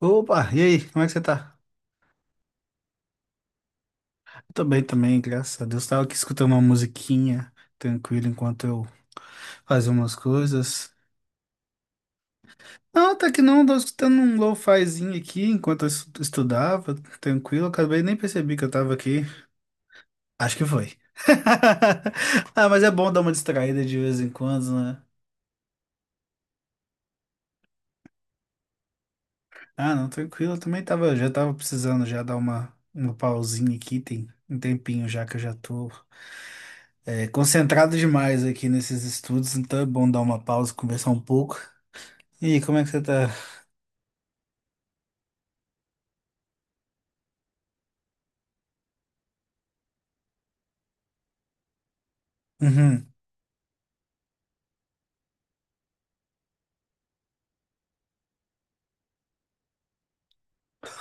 Opa, e aí, como é que você tá? Eu tô bem também, graças a Deus. Tava aqui escutando uma musiquinha tranquila enquanto eu fazia umas coisas. Não, até que não, tava escutando um lo-fizinho aqui enquanto eu estudava, tranquilo. Acabei nem percebi que eu tava aqui. Acho que foi. Ah, mas é bom dar uma distraída de vez em quando, né? Ah, não, tranquilo. Eu também tava, já tava precisando já dar uma pausinha aqui, tem um tempinho já que eu já tô. É, concentrado demais aqui nesses estudos, então é bom dar uma pausa, conversar um pouco. E aí, como é que você tá? Uhum.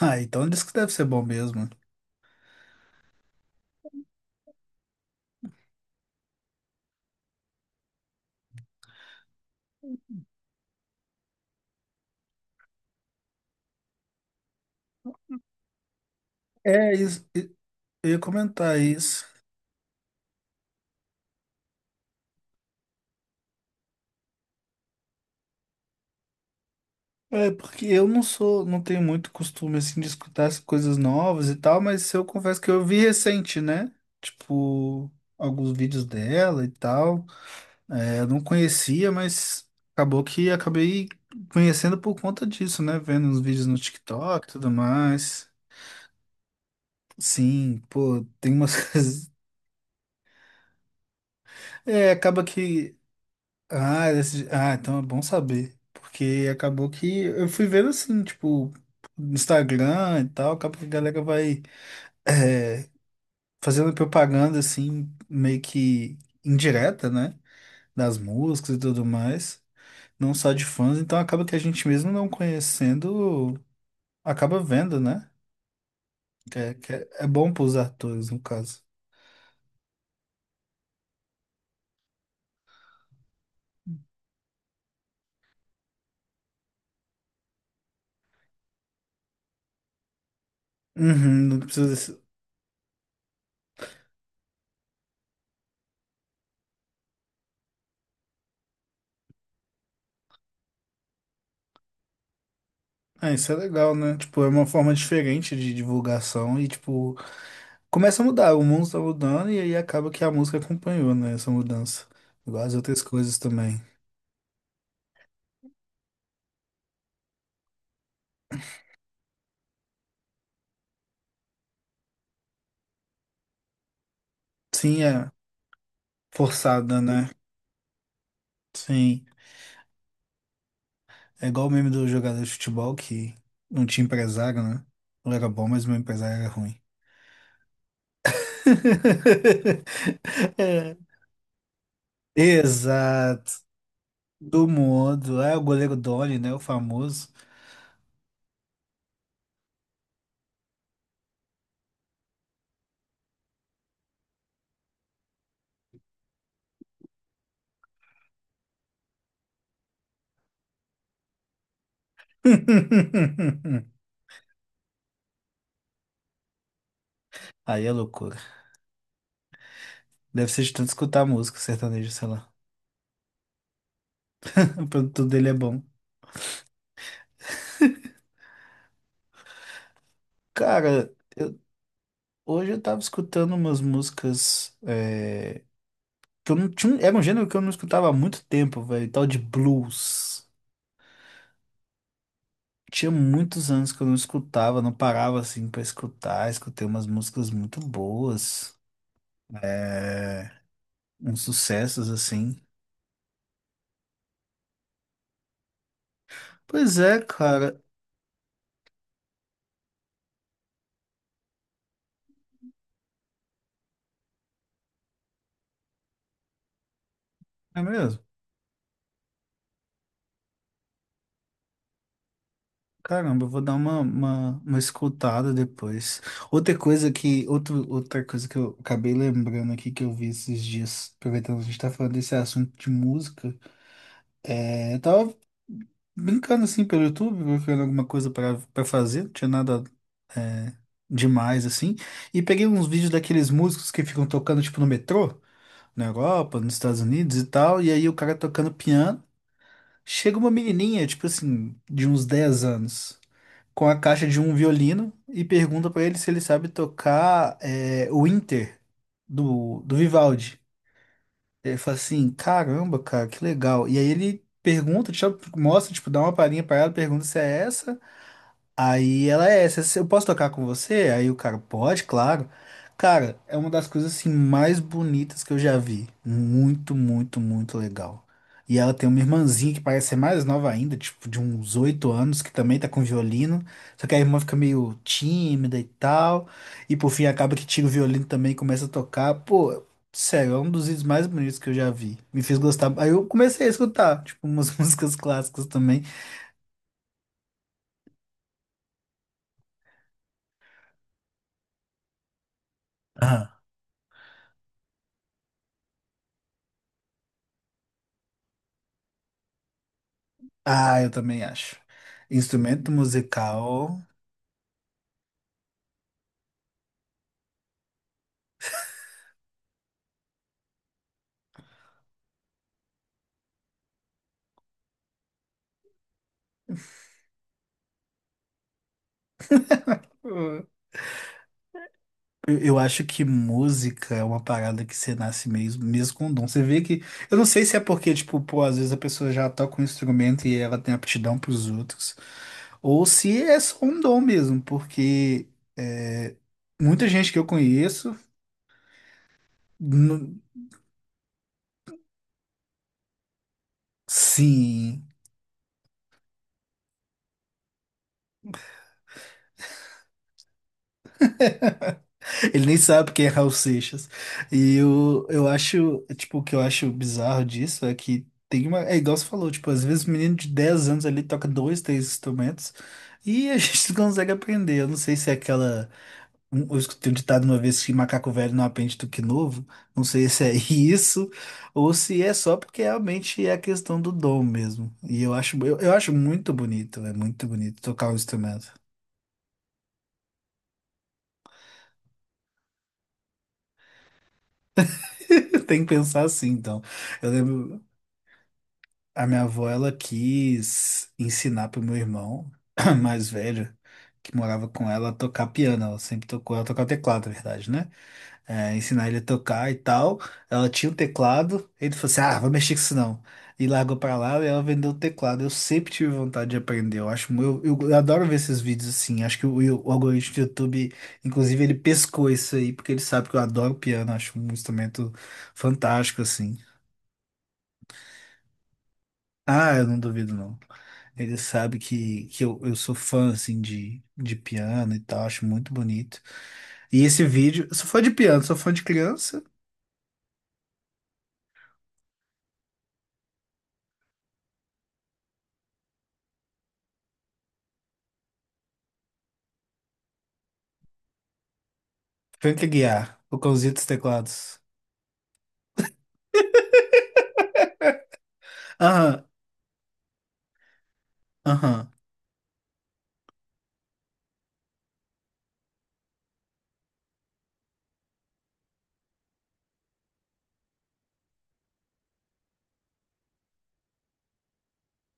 Ah, então isso que deve ser bom mesmo. É, isso, eu ia comentar isso. É, porque eu não sou, não tenho muito costume, assim, de escutar as coisas novas e tal, mas eu confesso que eu vi recente, né? Tipo, alguns vídeos dela e tal. É, eu não conhecia, mas acabou que acabei conhecendo por conta disso, né? Vendo uns vídeos no TikTok e tudo mais. Sim, pô, tem umas coisas. É, acaba que. Ah, então é bom saber. Porque acabou que eu fui vendo assim, tipo, no Instagram e tal, acaba que a galera vai é, fazendo propaganda assim, meio que indireta, né? Das músicas e tudo mais. Não só de fãs, então acaba que a gente mesmo não conhecendo, acaba vendo, né? Que é, é bom pros atores, no caso. Uhum, não precisa. Ah, isso é legal, né? Tipo, é uma forma diferente de divulgação e, tipo, começa a mudar. O mundo tá mudando e aí acaba que a música acompanhou, né? Essa mudança. Igual as outras coisas também. Sim, é forçada, né? Sim. É igual o meme do jogador de futebol que não tinha empresário, né? Ele era bom, mas meu empresário era ruim. É. Exato. Do mundo. É o goleiro Doni, né? O famoso. Aí é loucura. Deve ser de tanto escutar música sertaneja, sei lá. O produto dele é bom. Cara, eu- Hoje eu tava escutando umas músicas que eu não tinha. Era um gênero que eu não escutava há muito tempo, velho. Tal de blues. Tinha muitos anos que eu não escutava, não parava assim pra escutar. Escutei umas músicas muito boas, uns sucessos assim. Pois é, cara. É mesmo? Caramba, eu vou dar uma escutada depois. Outra coisa que, outro, outra coisa que eu acabei lembrando aqui que eu vi esses dias, aproveitando que a gente tá falando desse assunto de música, eu tava brincando assim pelo YouTube, procurando alguma coisa para fazer, não tinha nada é, demais assim, e peguei uns vídeos daqueles músicos que ficam tocando tipo no metrô, na Europa, nos Estados Unidos e tal, e aí o cara tocando piano, chega uma menininha, tipo assim, de uns 10 anos com a caixa de um violino e pergunta pra ele se ele sabe tocar o Inter do Vivaldi. Ele fala assim, caramba, cara, que legal. E aí ele pergunta, tipo, mostra, tipo, dá uma palhinha pra ela, pergunta se é essa. Aí ela é essa, eu posso tocar com você? Aí o cara, pode, claro. Cara, é uma das coisas assim mais bonitas que eu já vi. Muito, muito, muito legal. E ela tem uma irmãzinha que parece ser mais nova ainda, tipo de uns 8 anos, que também tá com violino. Só que a irmã fica meio tímida e tal. E por fim acaba que tira o violino também e começa a tocar. Pô, sério, é um dos vídeos mais bonitos que eu já vi. Me fez gostar. Aí eu comecei a escutar, tipo, umas músicas clássicas também. Ah, eu também acho. Instrumento musical. eh, eu acho que música é uma parada que você nasce mesmo, mesmo com dom. Você vê que. Eu não sei se é porque, tipo, pô, às vezes a pessoa já toca um instrumento e ela tem aptidão pros outros. Ou se é só um dom mesmo, porque eh, muita gente que eu conheço, nu- sim. Ele nem sabe quem é Raul Seixas. E eu acho, tipo, o que eu acho bizarro disso é que tem uma. É igual você falou, tipo, às vezes um menino de 10 anos ali toca dois, três instrumentos e a gente não consegue aprender. Eu não sei se é aquela. Eu escutei um ditado uma vez que macaco velho não aprende tuque novo. Não sei se é isso ou se é só porque realmente é a questão do dom mesmo. E eu acho, eu acho muito bonito, é muito bonito tocar um instrumento. Tem que pensar assim, então. Eu lembro. A minha avó, ela quis ensinar pro meu irmão mais velho, que morava com ela, a tocar piano. Ela sempre tocou, ela tocava teclado, na verdade, né? É, ensinar ele a tocar e tal. Ela tinha um teclado, ele falou assim, ah, vou mexer com isso não. E largou pra lá e ela vendeu o teclado. Eu sempre tive vontade de aprender. Eu acho, eu adoro ver esses vídeos assim. Acho que o algoritmo do YouTube, inclusive, ele pescou isso aí, porque ele sabe que eu adoro piano, acho um instrumento fantástico, assim. Ah, eu não duvido, não. Ele sabe que eu sou fã, assim, de piano e tal, acho muito bonito. E esse vídeo, eu sou fã de piano, sou fã de criança. Frank Aguiar, o Cãozinho dos Teclados. Aham, aham,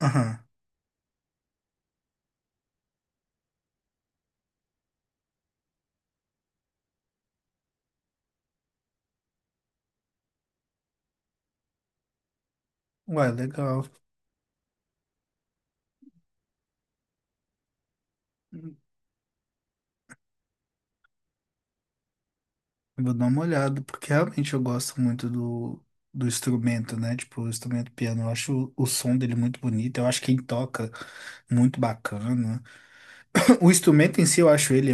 aham. Ué, legal. Eu vou dar uma olhada, porque realmente eu gosto muito do instrumento, né? Tipo, o instrumento piano, eu acho o som dele muito bonito, eu acho quem toca muito bacana. O instrumento em si, eu acho ele,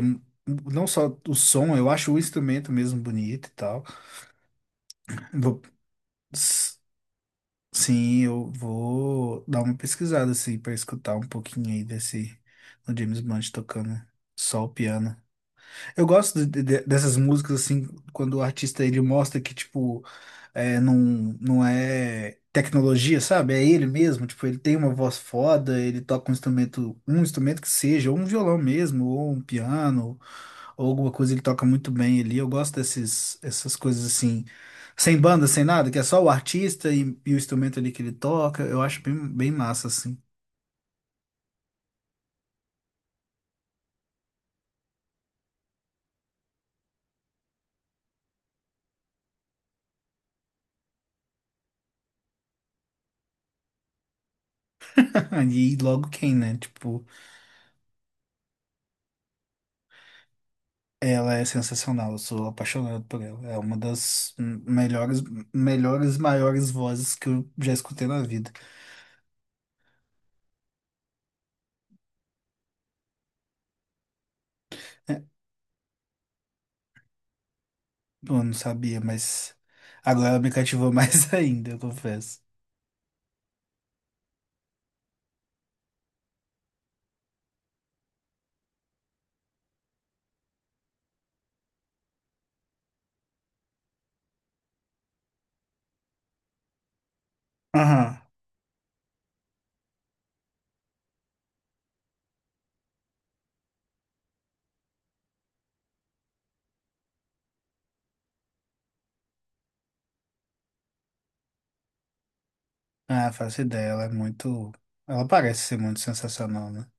não só o som, eu acho o instrumento mesmo bonito e tal. Vou S- Sim, eu vou dar uma pesquisada assim para escutar um pouquinho aí desse do James Blunt tocando só o piano. Eu gosto dessas músicas assim quando o artista ele mostra que tipo não, não é tecnologia, sabe? É ele mesmo, tipo, ele tem uma voz foda, ele toca um instrumento que seja, ou um violão mesmo, ou um piano, ou alguma coisa ele toca muito bem ali. Eu gosto desses, essas coisas assim, sem banda, sem nada, que é só o artista e o instrumento ali que ele toca, eu acho bem, bem massa, assim. E logo quem, né? Tipo, ela é sensacional, eu sou apaixonado por ela. É uma das melhores, melhores, maiores vozes que eu já escutei na vida. É, eu não sabia, mas agora ela me cativou mais ainda, eu confesso. Aham. Ah, faço ideia, ela é muito. Ela parece ser muito sensacional, né?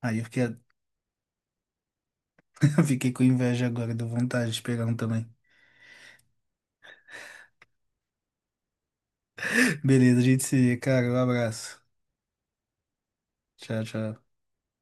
Aí eu fiquei, eu fiquei com inveja agora, deu vontade de pegar um também. Beleza, a gente se vê, cara. Um abraço. Tchau, tchau.